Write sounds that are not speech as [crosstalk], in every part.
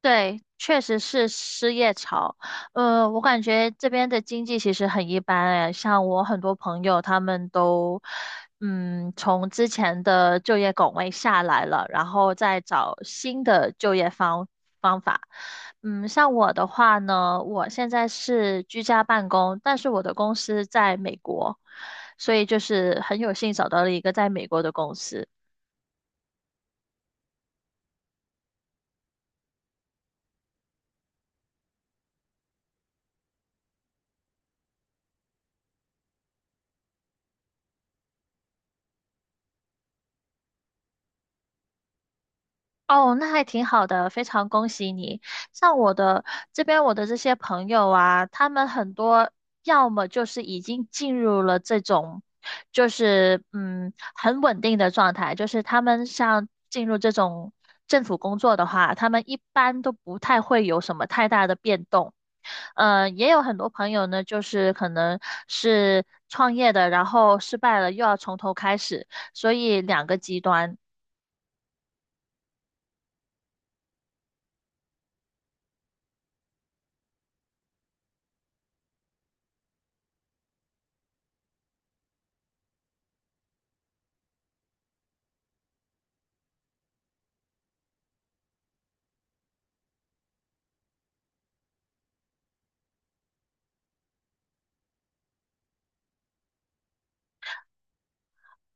对，确实是失业潮。我感觉这边的经济其实很一般哎，像我很多朋友他们都，嗯，从之前的就业岗位下来了，然后再找新的就业方法。嗯，像我的话呢，我现在是居家办公，但是我的公司在美国，所以就是很有幸找到了一个在美国的公司。哦，那还挺好的，非常恭喜你。像我的这边，我的这些朋友啊，他们很多要么就是已经进入了这种，就是很稳定的状态，就是他们像进入这种政府工作的话，他们一般都不太会有什么太大的变动。也有很多朋友呢，就是可能是创业的，然后失败了，又要从头开始，所以两个极端。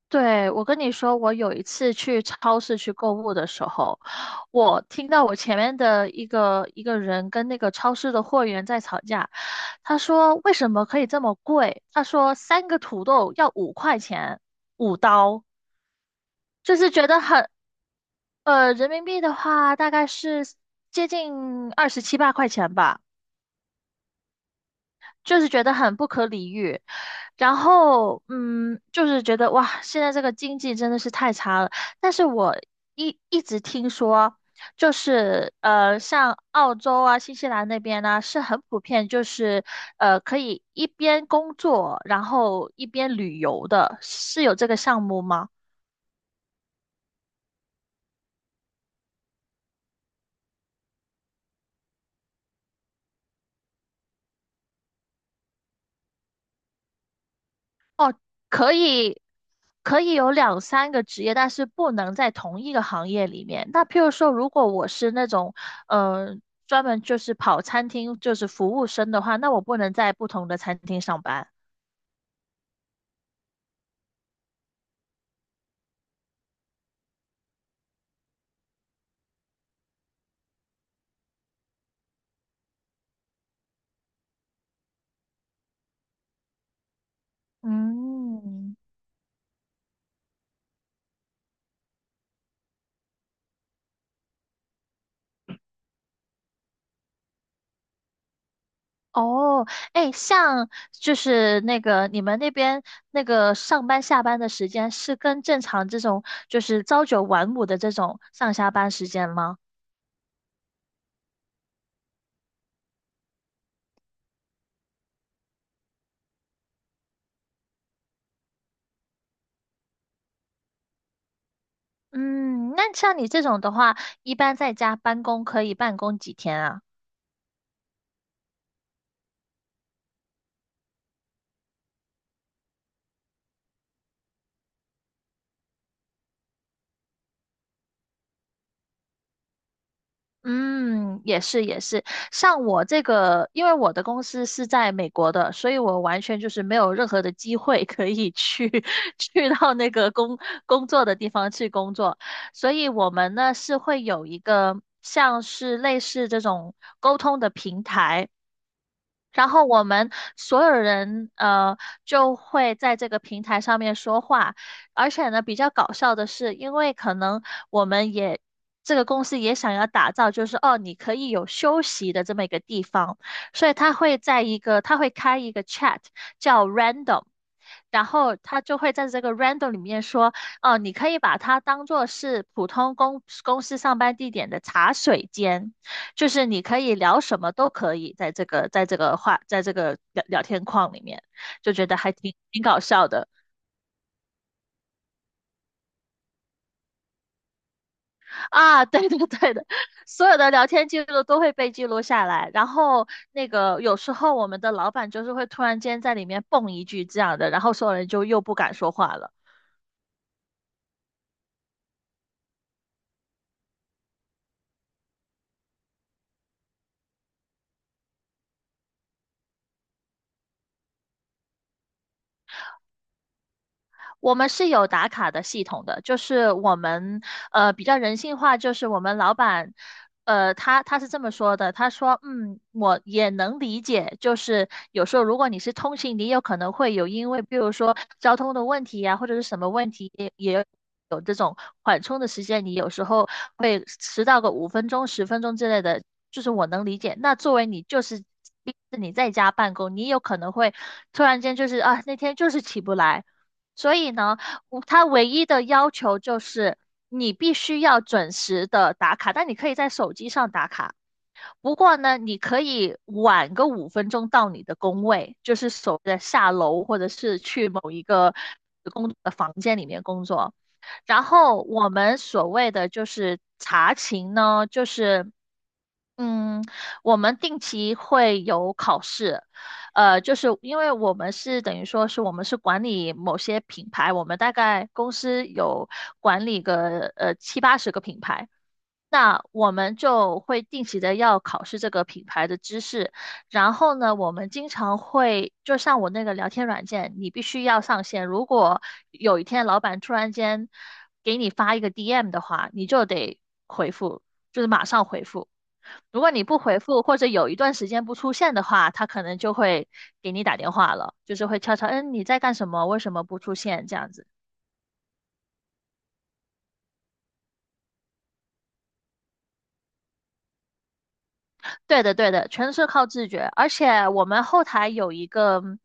对，我跟你说，我有一次去超市去购物的时候，我听到我前面的一个人跟那个超市的货员在吵架。他说为什么可以这么贵？他说三个土豆要5块钱，5刀，就是觉得很，人民币的话大概是接近二十七八块钱吧。就是觉得很不可理喻，然后就是觉得哇，现在这个经济真的是太差了。但是我一直听说，就是像澳洲啊、新西兰那边呢、是很普遍，就是可以一边工作，然后一边旅游的，是有这个项目吗？可以可以有两三个职业，但是不能在同一个行业里面。那譬如说，如果我是那种呃专门就是跑餐厅就是服务生的话，那我不能在不同的餐厅上班。嗯，哦，哎，像就是那个你们那边那个上班下班的时间是跟正常这种就是朝九晚五的这种上下班时间吗？嗯，那像你这种的话，一般在家办公可以办公几天啊？嗯，也是也是。像我这个，因为我的公司是在美国的，所以我完全就是没有任何的机会可以去 [laughs] 去到那个工作的地方去工作，所以我们呢是会有一个像是类似这种沟通的平台。然后我们所有人就会在这个平台上面说话，而且呢比较搞笑的是，因为可能我们也这个公司也想要打造，就是哦你可以有休息的这么一个地方，所以他会开一个 chat 叫 random。然后他就会在这个 random 里面说，哦，你可以把它当做是普通公司上班地点的茶水间。就是你可以聊什么都可以，在这个聊天框里面，就觉得还挺搞笑的啊！[laughs] 对的对的，所有的聊天记录都会被记录下来，然后那个有时候我们的老板就是会突然间在里面蹦一句这样的，然后所有人就又不敢说话了。我们是有打卡的系统的，就是我们比较人性化，就是我们老板他是这么说的，他说嗯我也能理解，就是有时候如果你是通勤，你有可能会有因为比如说交通的问题呀、或者是什么问题。有这种缓冲的时间，你有时候会迟到个五分钟、10分钟之类的，就是我能理解。那作为你就是你在家办公，你有可能会突然间就是啊，那天就是起不来，所以呢，他唯一的要求就是你必须要准时的打卡，但你可以在手机上打卡。不过呢，你可以晚个五分钟到你的工位，就是所谓的下楼或者是去某一个工作的房间里面工作。然后我们所谓的就是查勤呢，就是。嗯，我们定期会有考试，就是因为我们是等于说是我们是管理某些品牌，我们大概公司有管理个七八十个品牌，那我们就会定期的要考试这个品牌的知识，然后呢，我们经常会就像我那个聊天软件，你必须要上线。如果有一天老板突然间给你发一个 DM 的话，你就得回复，就是马上回复。如果你不回复或者有一段时间不出现的话，他可能就会给你打电话了，就是会悄悄，嗯，你在干什么？为什么不出现？这样子。对的，对的，全是靠自觉。而且我们后台有一个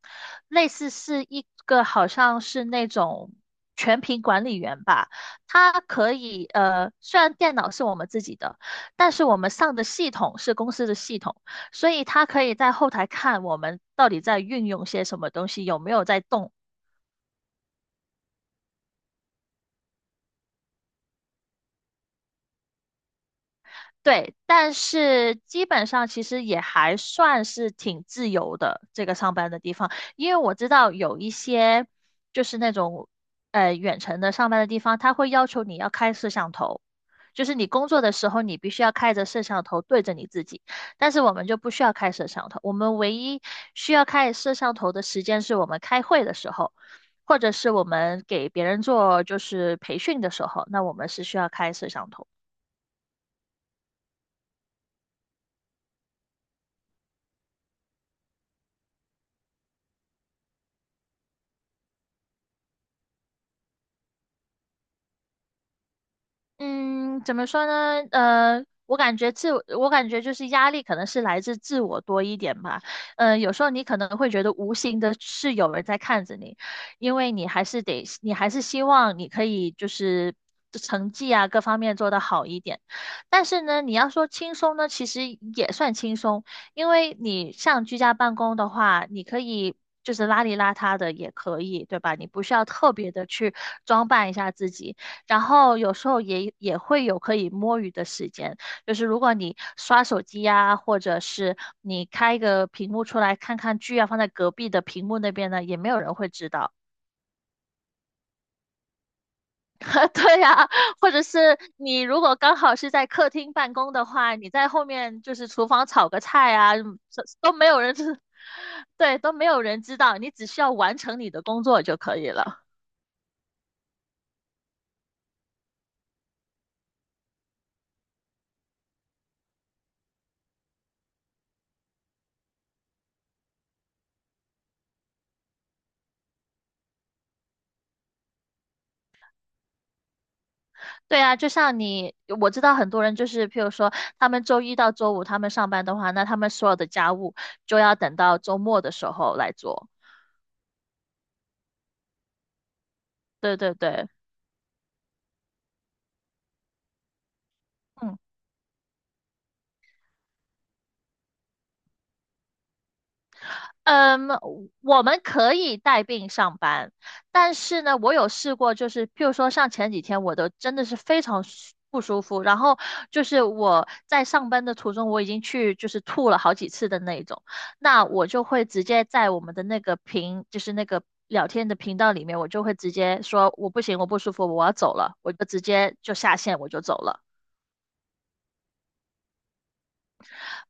类似是一个好像是那种全屏管理员吧，他可以虽然电脑是我们自己的，但是我们上的系统是公司的系统，所以他可以在后台看我们到底在运用些什么东西，有没有在动。对，但是基本上其实也还算是挺自由的，这个上班的地方，因为我知道有一些就是那种远程的上班的地方，他会要求你要开摄像头，就是你工作的时候你必须要开着摄像头对着你自己，但是我们就不需要开摄像头，我们唯一需要开摄像头的时间是我们开会的时候，或者是我们给别人做就是培训的时候，那我们是需要开摄像头。嗯，怎么说呢？我感觉就是压力可能是来自自我多一点吧。有时候你可能会觉得无形的是有人在看着你，因为你还是得，你还是希望你可以就是成绩啊各方面做得好一点。但是呢，你要说轻松呢，其实也算轻松，因为你像居家办公的话，你可以。就是邋里邋遢的也可以，对吧？你不需要特别的去装扮一下自己，然后有时候也会有可以摸鱼的时间，就是如果你刷手机呀、或者是你开一个屏幕出来看看剧啊，放在隔壁的屏幕那边呢，也没有人会知道。[laughs] 对呀、或者是你如果刚好是在客厅办公的话，你在后面就是厨房炒个菜啊，这都没有人知，[laughs] 对，都没有人知道，你只需要完成你的工作就可以了。对啊，就像你，我知道很多人就是，譬如说，他们周一到周五他们上班的话，那他们所有的家务就要等到周末的时候来做。对对对，嗯。嗯，我们可以带病上班，但是呢，我有试过，就是譬如说像前几天，我都真的是非常不舒服，然后就是我在上班的途中，我已经去就是吐了好几次的那种，那我就会直接在我们的那个频，就是那个聊天的频道里面，我就会直接说我不行，我不舒服，我要走了，我就直接就下线，我就走了。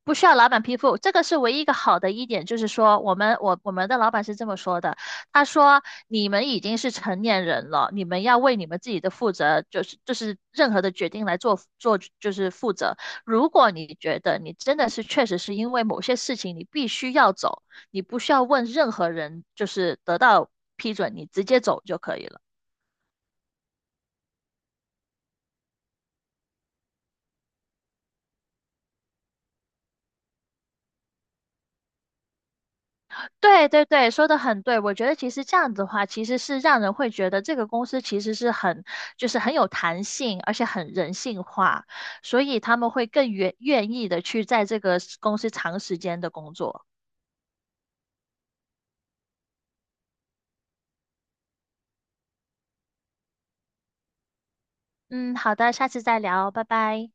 不需要老板批复，这个是唯一一个好的一点，就是说我们我们的老板是这么说的，他说你们已经是成年人了，你们要为你们自己的负责，就是任何的决定来做就是负责。如果你觉得你真的是确实是因为某些事情你必须要走，你不需要问任何人，就是得到批准，你直接走就可以了。对对对，说的很对。我觉得其实这样子的话，其实是让人会觉得这个公司其实是很，就是很有弹性，而且很人性化，所以他们会更愿意的去在这个公司长时间的工作。嗯，好的，下次再聊，拜拜。